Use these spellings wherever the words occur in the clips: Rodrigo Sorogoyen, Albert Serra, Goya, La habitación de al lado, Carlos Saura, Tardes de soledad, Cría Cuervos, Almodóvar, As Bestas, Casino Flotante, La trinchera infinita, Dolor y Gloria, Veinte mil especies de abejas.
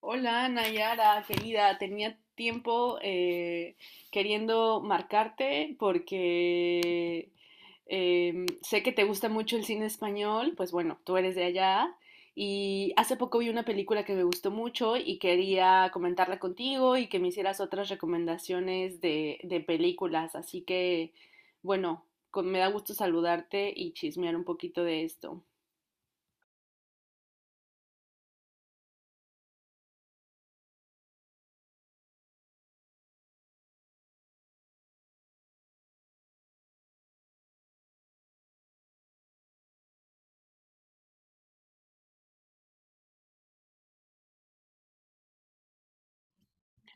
Hola Nayara, querida, tenía tiempo queriendo marcarte porque sé que te gusta mucho el cine español, pues bueno, tú eres de allá y hace poco vi una película que me gustó mucho y quería comentarla contigo y que me hicieras otras recomendaciones de películas, así que bueno, me da gusto saludarte y chismear un poquito de esto.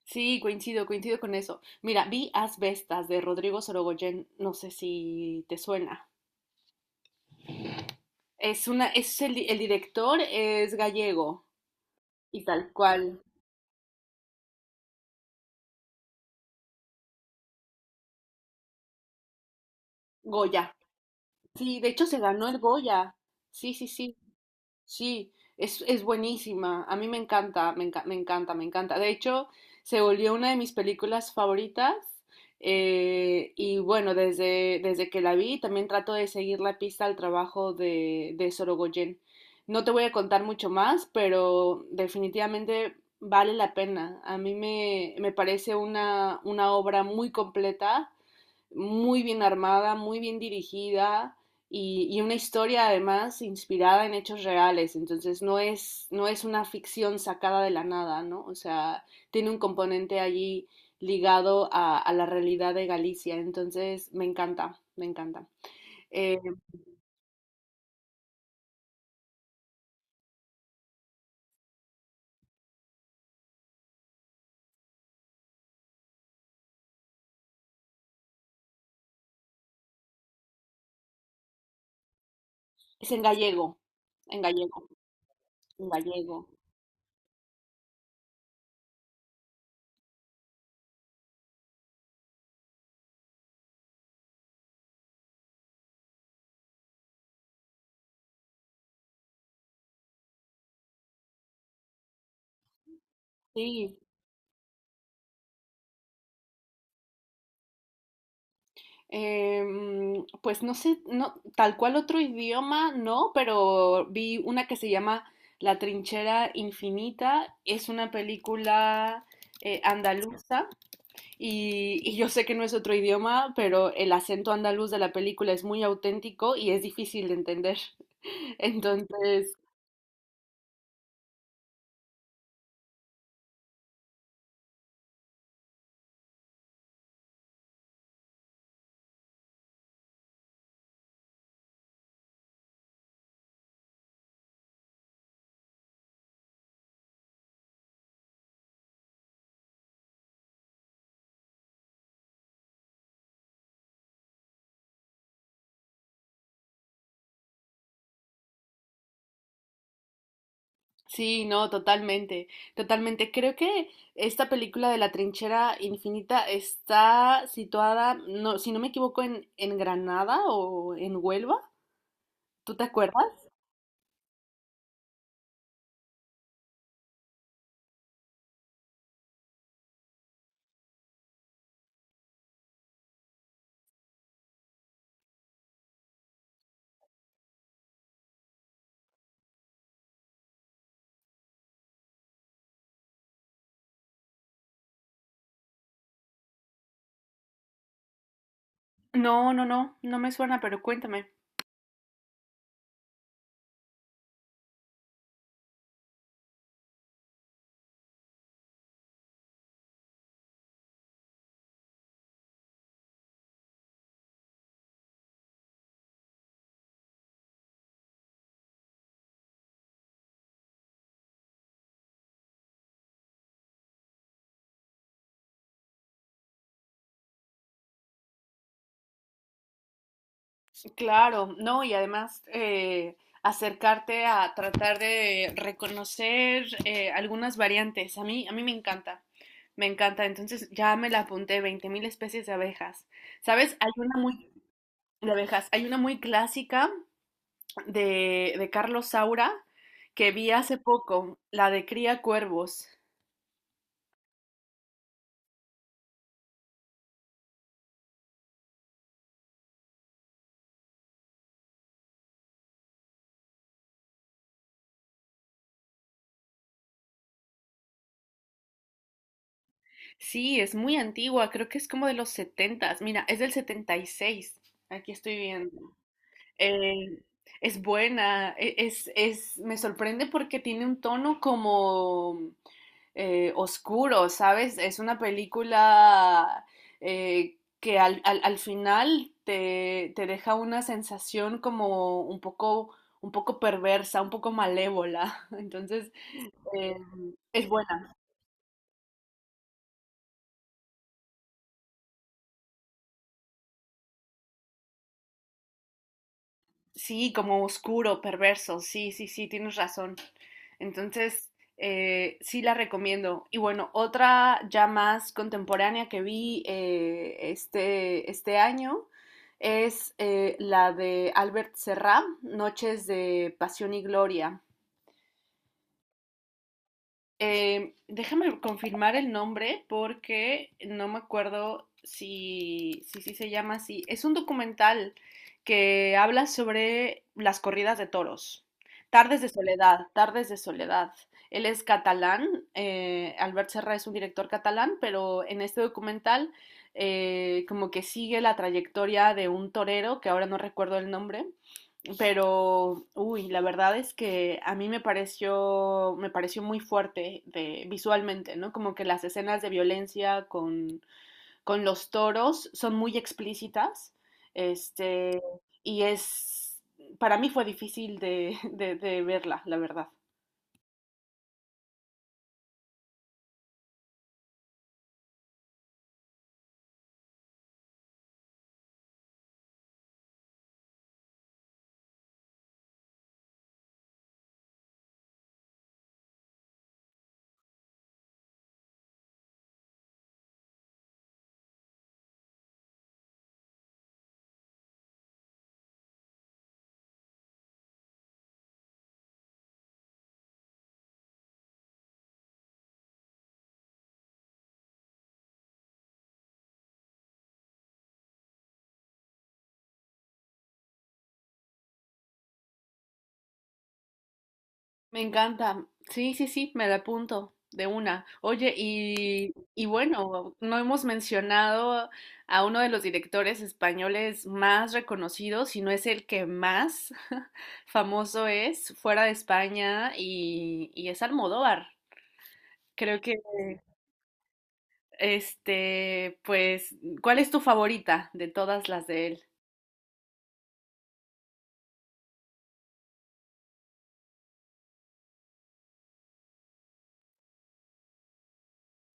Sí, coincido, coincido con eso. Mira, vi As Bestas de Rodrigo Sorogoyen, no sé si te suena. Es una, es el, di- El director es gallego y tal cual, Goya. Sí, de hecho se ganó el Goya. Sí, sí, sí. Sí, es buenísima. A mí me encanta, me encanta, me encanta. De hecho, se volvió una de mis películas favoritas. Y bueno, desde que la vi, también trato de seguir la pista al trabajo de Sorogoyen. No te voy a contar mucho más, pero definitivamente vale la pena. Me parece una obra muy completa, muy bien armada, muy bien dirigida y una historia además inspirada en hechos reales. Entonces no es una ficción sacada de la nada, ¿no? O sea, tiene un componente allí ligado a la realidad de Galicia. Entonces me encanta, me encanta. Eh, es en gallego, en gallego, en gallego. Sí. Pues no sé, no, tal cual otro idioma, no, pero vi una que se llama La trinchera infinita. Es una película andaluza, y yo sé que no es otro idioma, pero el acento andaluz de la película es muy auténtico y es difícil de entender. Entonces, sí, no, totalmente, totalmente. Creo que esta película de la trinchera infinita está situada, no, si no me equivoco, en Granada o en Huelva. ¿Tú te acuerdas? No, no, no, no me suena, pero cuéntame. Claro, no, y además acercarte a tratar de reconocer algunas variantes. A mí me encanta, me encanta. Entonces ya me la apunté, 20.000 especies de abejas. ¿Sabes? Hay una muy, de abejas, hay una muy clásica de Carlos Saura que vi hace poco, la de Cría Cuervos. Sí, es muy antigua, creo que es como de los setentas. Mira, es del 76. Aquí estoy viendo. Eh, es buena, es, me sorprende porque tiene un tono como oscuro, ¿sabes? Es una película que al final te deja una sensación como un poco perversa, un poco malévola. Entonces, eh, es buena. Sí, como oscuro, perverso. Sí, sí, sí, tienes razón. Entonces, sí la recomiendo. Y bueno, otra ya más contemporánea que vi este año es la de Albert Serra, Noches de Pasión y Gloria. Déjame confirmar el nombre porque no me acuerdo si se llama así. Es un documental que habla sobre las corridas de toros. Tardes de soledad, tardes de soledad. Él es catalán, Albert Serra es un director catalán, pero en este documental como que sigue la trayectoria de un torero, que ahora no recuerdo el nombre, pero, uy, la verdad es que a mí me pareció muy fuerte de, visualmente, ¿no? Como que las escenas de violencia con los toros son muy explícitas, este, y es, para mí fue difícil de verla, la verdad. Me encanta. Sí, sí, sí, me la apunto de una. Oye, y bueno, no hemos mencionado a uno de los directores españoles más reconocidos, si no es el que más famoso es fuera de España, y es Almodóvar. Creo que, este, pues, ¿cuál es tu favorita de todas las de él?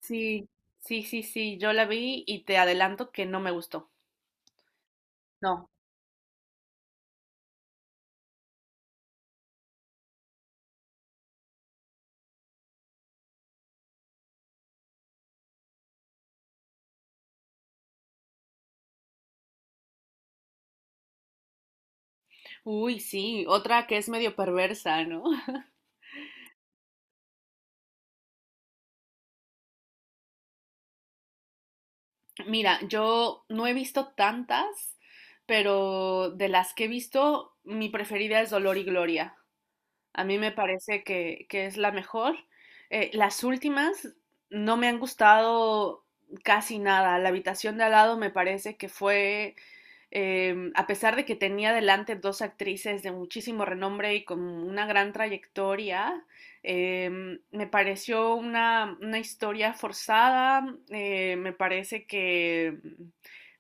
Sí, sí, sí, sí, yo la vi y te adelanto que no me gustó. No. Uy, sí, otra que es medio perversa, ¿no? Mira, yo no he visto tantas, pero de las que he visto, mi preferida es Dolor y Gloria. A mí me parece que es la mejor. Las últimas no me han gustado casi nada. La habitación de al lado me parece que fue a pesar de que tenía delante dos actrices de muchísimo renombre y con una gran trayectoria, me pareció una historia forzada, me parece que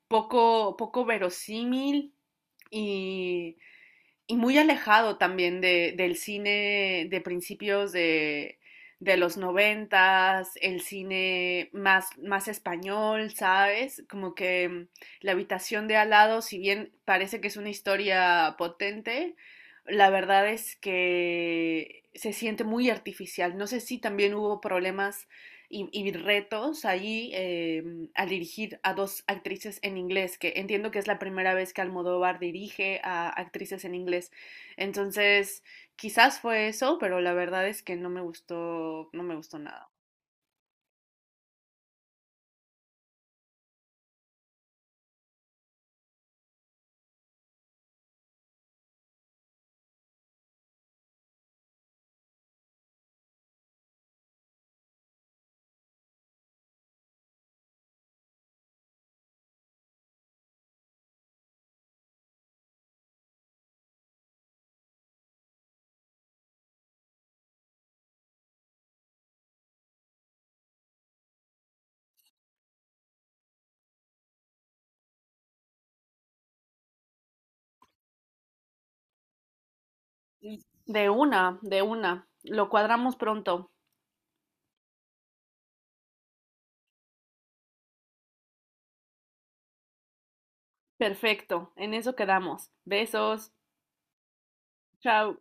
poco, poco verosímil y y muy alejado también del cine de principios de los noventas, el cine más, más español, ¿sabes? Como que La habitación de al lado, si bien parece que es una historia potente, la verdad es que se siente muy artificial. No sé si también hubo problemas y retos allí al dirigir a dos actrices en inglés, que entiendo que es la primera vez que Almodóvar dirige a actrices en inglés. Entonces, quizás fue eso, pero la verdad es que no me gustó, no me gustó nada. De una, de una. Lo cuadramos pronto. Perfecto. En eso quedamos. Besos. Chao.